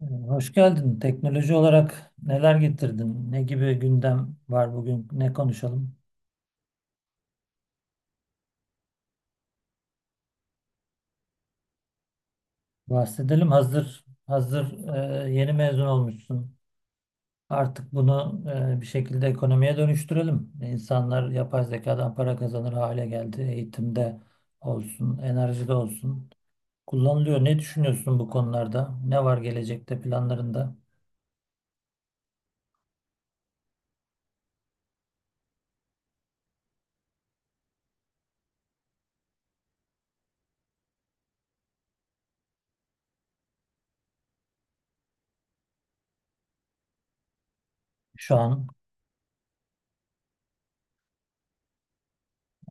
Hoş geldin. Teknoloji olarak neler getirdin? Ne gibi gündem var bugün? Ne konuşalım? Bahsedelim. Hazır hazır yeni mezun olmuşsun. Artık bunu bir şekilde ekonomiye dönüştürelim. İnsanlar yapay zekadan para kazanır hale geldi. Eğitimde olsun, enerjide olsun. Kullanılıyor. Ne düşünüyorsun bu konularda? Ne var gelecekte planlarında şu an?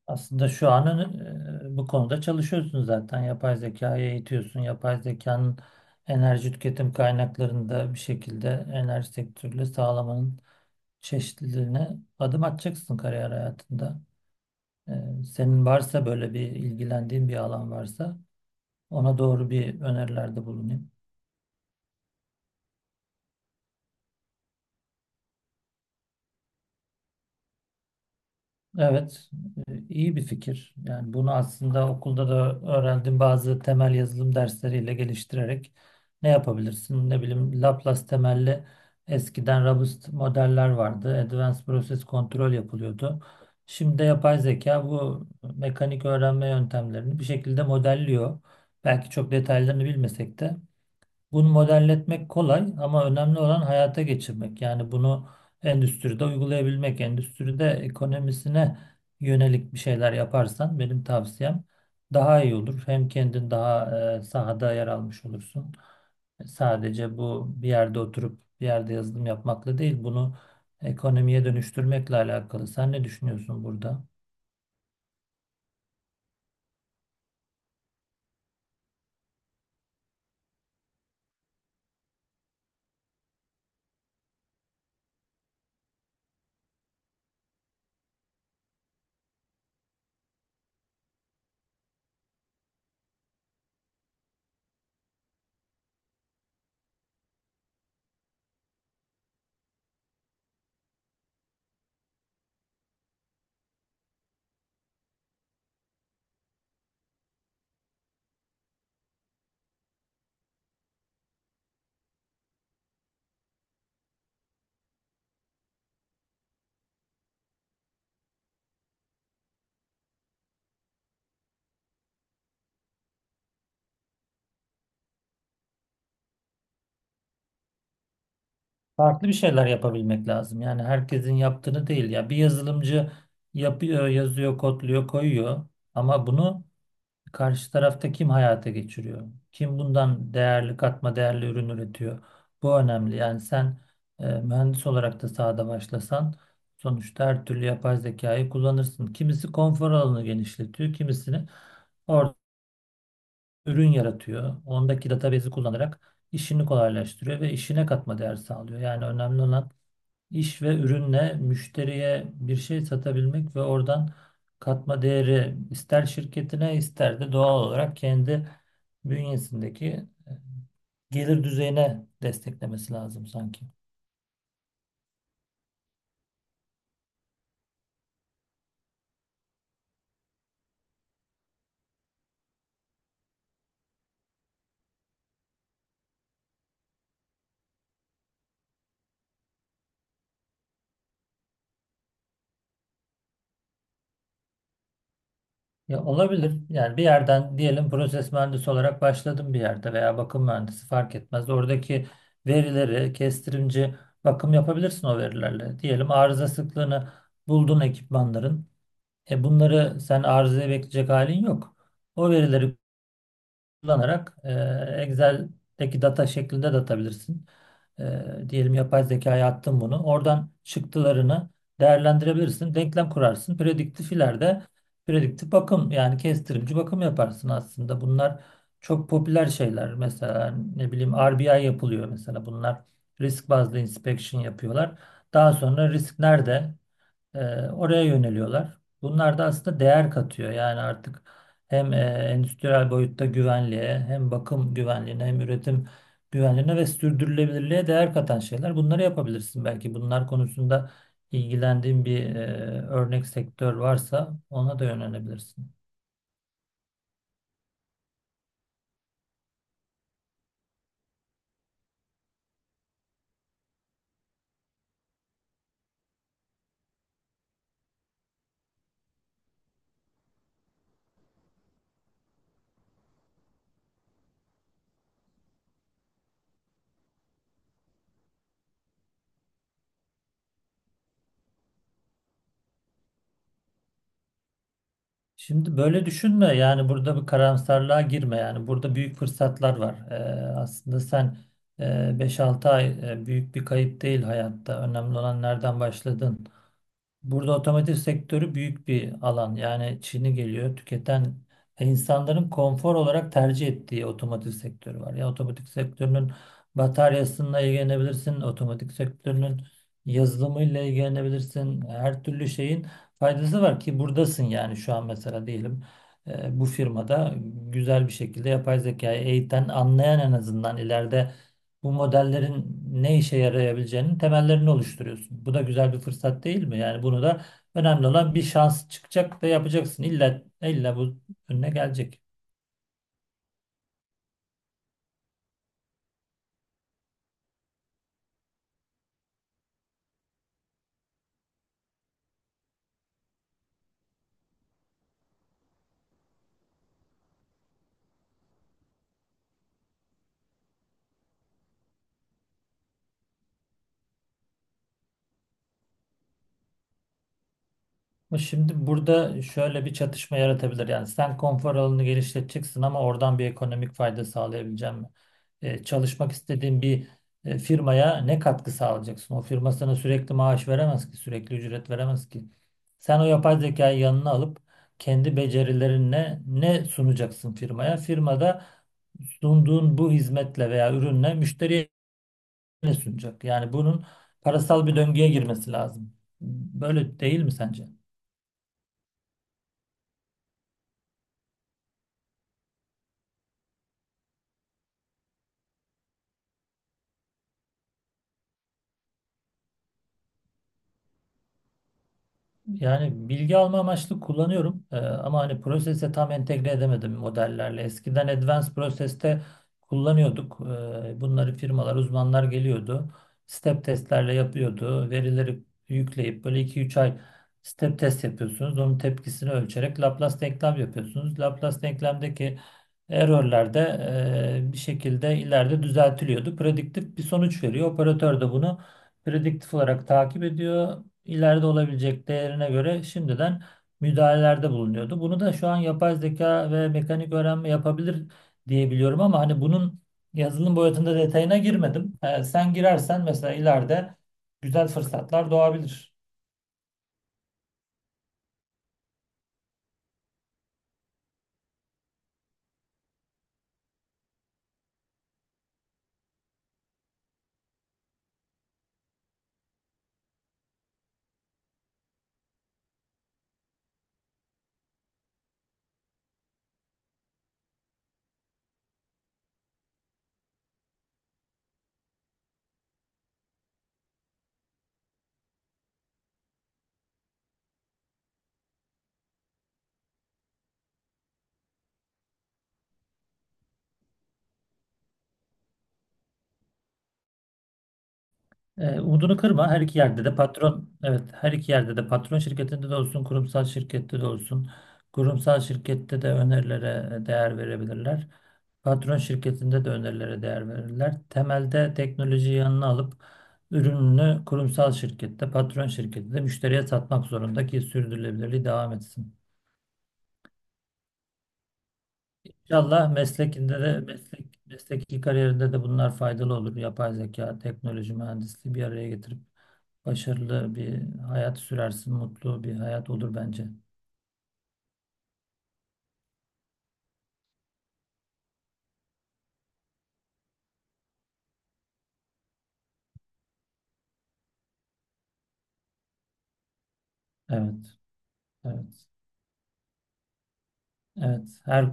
Aslında şu an bu konuda çalışıyorsun zaten. Yapay zekayı eğitiyorsun. Yapay zekanın enerji tüketim kaynaklarında bir şekilde enerji sektörüyle sağlamanın çeşitliliğine adım atacaksın kariyer hayatında. Senin varsa böyle bir ilgilendiğin bir alan varsa ona doğru bir önerilerde bulunayım. Evet, iyi bir fikir. Yani bunu aslında okulda da öğrendim bazı temel yazılım dersleriyle geliştirerek ne yapabilirsin? Ne bileyim Laplace temelli eskiden robust modeller vardı. Advanced Process Control yapılıyordu. Şimdi de yapay zeka bu mekanik öğrenme yöntemlerini bir şekilde modelliyor. Belki çok detaylarını bilmesek de. Bunu modelletmek kolay ama önemli olan hayata geçirmek. Yani bunu endüstride uygulayabilmek, endüstride ekonomisine yönelik bir şeyler yaparsan benim tavsiyem daha iyi olur. Hem kendin daha sahada yer almış olursun. Sadece bu bir yerde oturup bir yerde yazılım yapmakla değil, bunu ekonomiye dönüştürmekle alakalı. Sen ne düşünüyorsun burada? Farklı bir şeyler yapabilmek lazım. Yani herkesin yaptığını değil. Ya bir yazılımcı yapıyor, yazıyor, kodluyor, koyuyor ama bunu karşı tarafta kim hayata geçiriyor? Kim bundan değerli katma değerli ürün üretiyor? Bu önemli. Yani sen mühendis olarak da sahada başlasan sonuçta her türlü yapay zekayı kullanırsın. Kimisi konfor alanını genişletiyor, kimisini orada ürün yaratıyor. Ondaki database'i kullanarak işini kolaylaştırıyor ve işine katma değer sağlıyor. Yani önemli olan İş ve ürünle müşteriye bir şey satabilmek ve oradan katma değeri ister şirketine ister de doğal olarak kendi bünyesindeki gelir düzeyine desteklemesi lazım sanki. Ya olabilir. Yani bir yerden diyelim proses mühendisi olarak başladım bir yerde veya bakım mühendisi fark etmez. Oradaki verileri kestirimci bakım yapabilirsin o verilerle. Diyelim arıza sıklığını buldun ekipmanların. E bunları sen arızaya bekleyecek halin yok. O verileri kullanarak Excel'deki data şeklinde de atabilirsin. Diyelim yapay zekaya attın bunu. Oradan çıktılarını değerlendirebilirsin. Denklem kurarsın. Prediktif ileride prediktif bakım yani kestirimci bakım yaparsın aslında. Bunlar çok popüler şeyler. Mesela ne bileyim RBI yapılıyor mesela. Bunlar risk bazlı inspection yapıyorlar. Daha sonra risk nerede? E, Oraya yöneliyorlar. Bunlar da aslında değer katıyor. Yani artık hem endüstriyel boyutta güvenliğe, hem bakım güvenliğine, hem üretim güvenliğine ve sürdürülebilirliğe değer katan şeyler. Bunları yapabilirsin belki. Bunlar konusunda ilgilendiğin bir örnek sektör varsa ona da yönelebilirsin. Şimdi böyle düşünme. Yani burada bir karamsarlığa girme. Yani burada büyük fırsatlar var. Aslında sen e, 5-6 ay büyük bir kayıp değil hayatta. Önemli olan nereden başladın. Burada otomotiv sektörü büyük bir alan. Yani Çin'i geliyor tüketen insanların konfor olarak tercih ettiği otomotiv sektörü var. Ya otomotiv sektörünün bataryasıyla ilgilenebilirsin, otomotiv sektörünün yazılımıyla ilgilenebilirsin. Her türlü şeyin faydası var ki buradasın yani şu an mesela diyelim bu firmada güzel bir şekilde yapay zekayı eğiten, anlayan en azından ileride bu modellerin ne işe yarayabileceğinin temellerini oluşturuyorsun. Bu da güzel bir fırsat değil mi? Yani bunu da önemli olan bir şans çıkacak ve yapacaksın. İlla, illa bu önüne gelecek. Ama şimdi burada şöyle bir çatışma yaratabilir. Yani sen konfor alanını genişleteceksin ama oradan bir ekonomik fayda sağlayabilecek mi? Çalışmak istediğin bir firmaya ne katkı sağlayacaksın? O firma sana sürekli maaş veremez ki, sürekli ücret veremez ki. Sen o yapay zekayı yanına alıp kendi becerilerinle ne sunacaksın firmaya? Firma da sunduğun bu hizmetle veya ürünle müşteriye ne sunacak? Yani bunun parasal bir döngüye girmesi lazım. Böyle değil mi sence? Yani bilgi alma amaçlı kullanıyorum. Ama hani prosese tam entegre edemedim modellerle. Eskiden Advanced Process'te kullanıyorduk. Bunları firmalar, uzmanlar geliyordu. Step testlerle yapıyordu. Verileri yükleyip böyle 2 3 ay step test yapıyorsunuz. Onun tepkisini ölçerek Laplace denklem yapıyorsunuz. Laplace denklemdeki error'lar da bir şekilde ileride düzeltiliyordu. Prediktif bir sonuç veriyor. Operatör de bunu prediktif olarak takip ediyor ileride olabilecek değerine göre şimdiden müdahalelerde bulunuyordu. Bunu da şu an yapay zeka ve mekanik öğrenme yapabilir diye biliyorum ama hani bunun yazılım boyutunda detayına girmedim. Sen girersen mesela ileride güzel fırsatlar doğabilir. Umudunu kırma. Her iki yerde de patron, evet her iki yerde de patron şirketinde de olsun, kurumsal şirkette de olsun. Kurumsal şirkette de önerilere değer verebilirler. Patron şirketinde de önerilere değer verirler. Temelde teknolojiyi yanına alıp ürününü kurumsal şirkette, patron şirketinde müşteriye satmak zorunda ki sürdürülebilirliği devam etsin. İnşallah meslekinde de meslek, mesleki kariyerinde de bunlar faydalı olur. Yapay zeka, teknoloji, mühendisliği bir araya getirip başarılı bir hayat sürersin, mutlu bir hayat olur bence. Evet, evet, evet. Her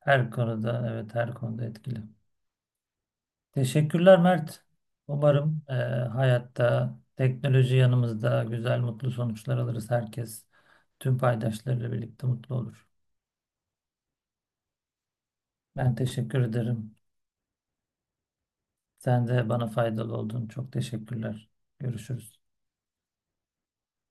her konuda, evet her konuda etkili. Teşekkürler Mert. Umarım hayatta teknoloji yanımızda güzel, mutlu sonuçlar alırız. Herkes tüm paydaşlarıyla birlikte mutlu olur. Ben teşekkür ederim. Sen de bana faydalı oldun. Çok teşekkürler. Görüşürüz.